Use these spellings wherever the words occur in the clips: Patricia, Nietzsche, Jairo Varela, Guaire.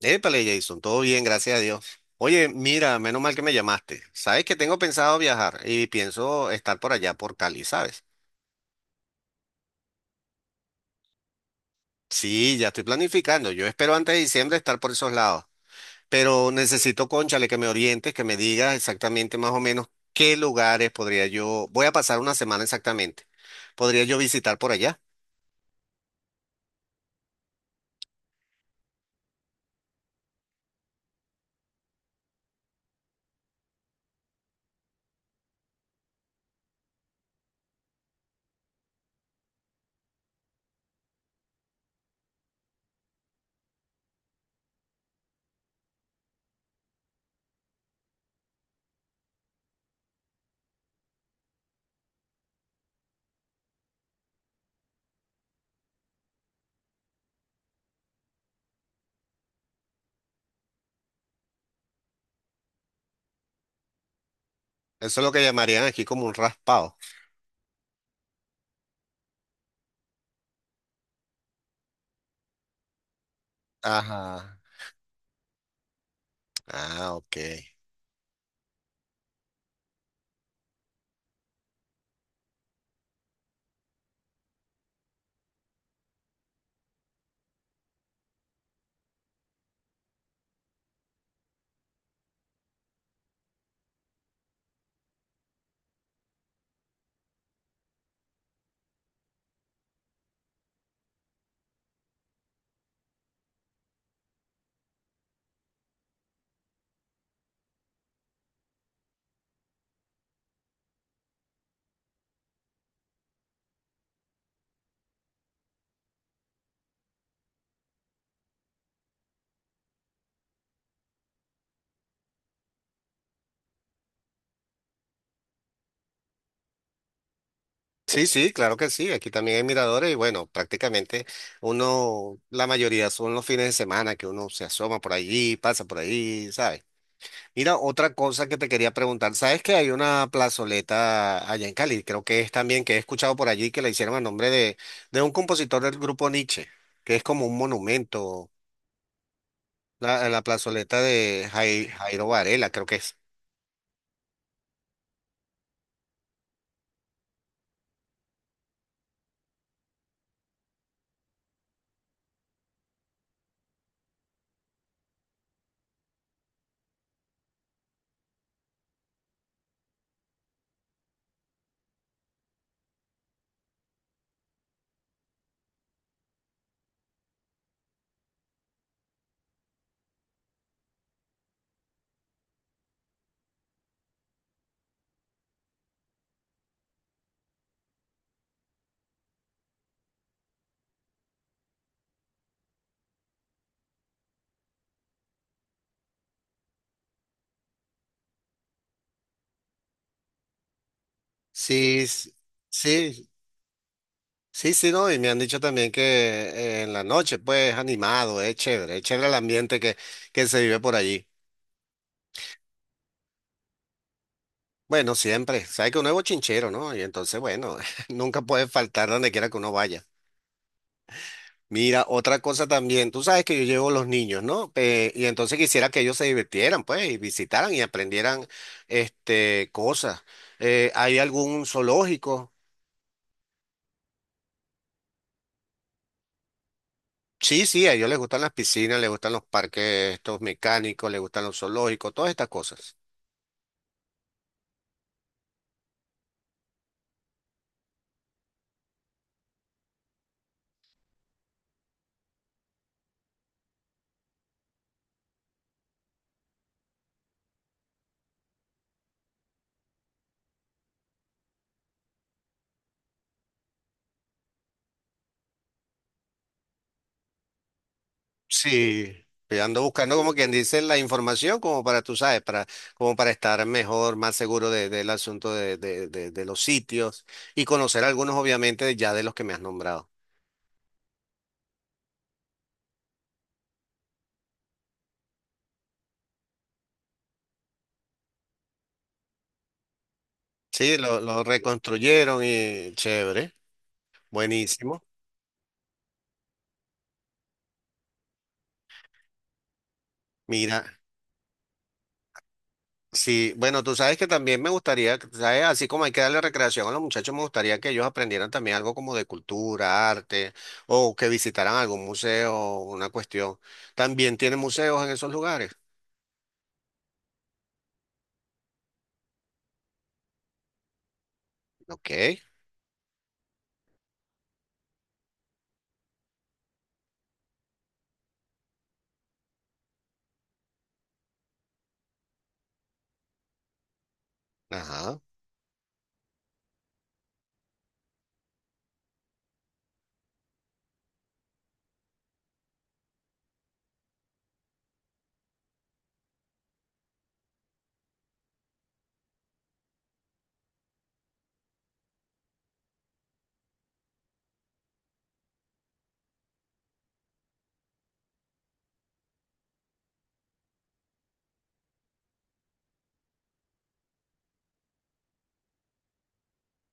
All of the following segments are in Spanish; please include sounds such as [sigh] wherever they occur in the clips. Épale, Jason, todo bien, gracias a Dios. Oye, mira, menos mal que me llamaste. Sabes que tengo pensado viajar y pienso estar por allá por Cali, ¿sabes? Sí, ya estoy planificando. Yo espero antes de diciembre estar por esos lados. Pero necesito, cónchale, que me orientes, que me digas exactamente más o menos qué lugares podría yo. Voy a pasar una semana exactamente. ¿Podría yo visitar por allá? Eso es lo que llamarían aquí como un raspado. Ajá. Ah, ok. Sí, sí, claro que sí. Aquí también hay miradores y bueno, prácticamente uno, la mayoría son los fines de semana que uno se asoma por allí, pasa por allí, ¿sabes? Mira, otra cosa que te quería preguntar, ¿sabes que hay una plazoleta allá en Cali? Creo que es también que he escuchado por allí que la hicieron a nombre de un compositor del grupo Nietzsche, que es como un monumento, la plazoleta de Jairo Varela, creo que es. Sí, s- sí, Sí, sí, no, y me han dicho también que en la noche, pues, animado, es chévere el ambiente que se vive por allí. Bueno, siempre, sabes que uno es bochinchero, ¿no? Y entonces, bueno, [laughs] nunca puede faltar donde quiera que uno vaya. Mira, otra cosa también, tú sabes que yo llevo los niños, ¿no? Y entonces quisiera que ellos se divirtieran, pues, y visitaran y aprendieran, este, cosas. ¿Hay algún zoológico? Sí, sí, a ellos les gustan las piscinas, les gustan los parques, estos mecánicos, les gustan los zoológicos, todas estas cosas. Sí, yo ando buscando como quien dice la información como para, tú sabes, para, como para estar mejor, más seguro del asunto de, de los sitios y conocer algunos obviamente ya de los que me has nombrado. Sí, lo reconstruyeron y chévere, buenísimo. Mira, sí, bueno, tú sabes que también me gustaría, ¿sabes? Así como hay que darle recreación a los muchachos, me gustaría que ellos aprendieran también algo como de cultura, arte, o que visitaran algún museo, una cuestión. ¿También tienen museos en esos lugares? Ok, ajá.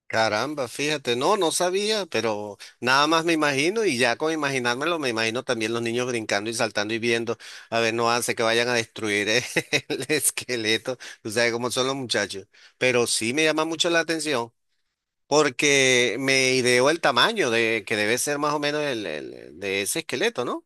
Caramba, fíjate, no, no sabía, pero nada más me imagino y ya con imaginármelo me imagino también los niños brincando y saltando y viendo, a ver, no hace que vayan a destruir [laughs] el esqueleto, tú sabes cómo son los muchachos, pero sí me llama mucho la atención porque me ideó el tamaño de que debe ser más o menos de ese esqueleto, ¿no?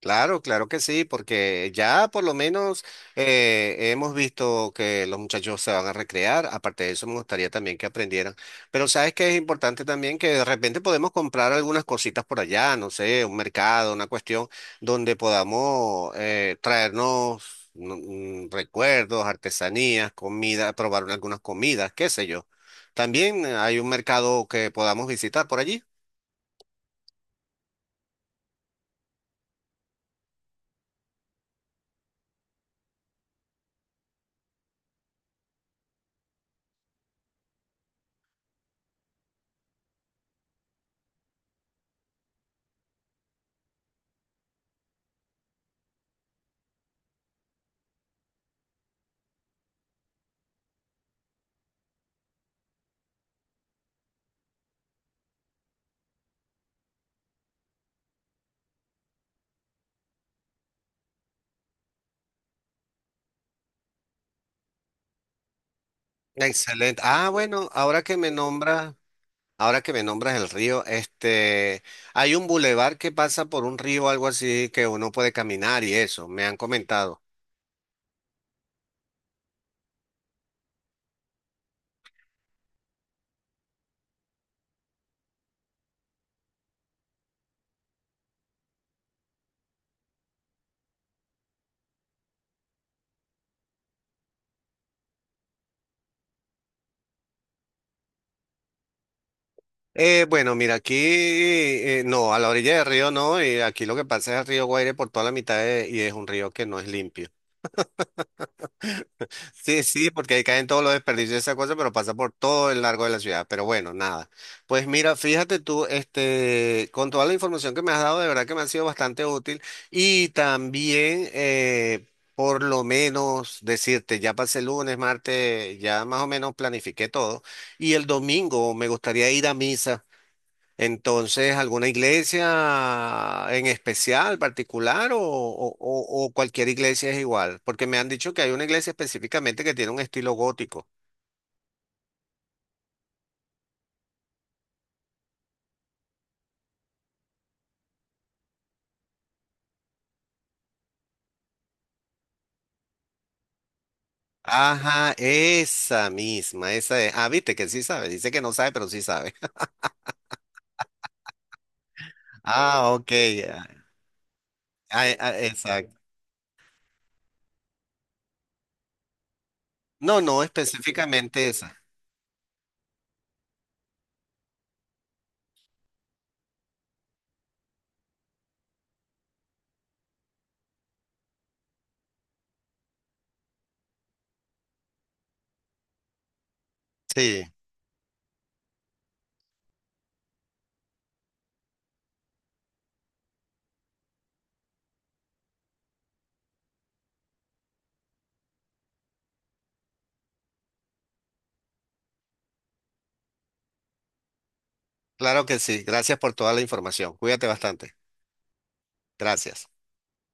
Claro, claro que sí, porque ya por lo menos hemos visto que los muchachos se van a recrear. Aparte de eso, me gustaría también que aprendieran. Pero sabes que es importante también que de repente podemos comprar algunas cositas por allá, no sé, un mercado, una cuestión donde podamos traernos recuerdos, artesanías, comida, probar algunas comidas, qué sé yo. También hay un mercado que podamos visitar por allí. Excelente. Ah, bueno, ahora que me nombras. Ahora que me nombras el río, este, hay un bulevar que pasa por un río o algo así que uno puede caminar y eso, me han comentado. Bueno, mira, aquí, no, a la orilla del río no, y aquí lo que pasa es el río Guaire por toda la mitad y es un río que no es limpio. Sí, sí, porque ahí caen todos los desperdicios de esa cosa, pero pasa por todo el largo de la ciudad. Pero bueno, nada. Pues mira, fíjate tú, este, con toda la información que me has dado, de verdad que me ha sido bastante útil. Y también, por lo menos decirte, ya pasé lunes, martes, ya más o menos planifiqué todo. Y el domingo me gustaría ir a misa. Entonces, ¿alguna iglesia en especial, particular o, o cualquier iglesia es igual? Porque me han dicho que hay una iglesia específicamente que tiene un estilo gótico. Ajá, esa misma, esa es. Ah, viste que sí sabe, dice que no sabe, pero sí sabe. [laughs] Ah, ok, ah, exacto. No, no, específicamente esa. Sí, claro que sí. Gracias por toda la información. Cuídate bastante. Gracias.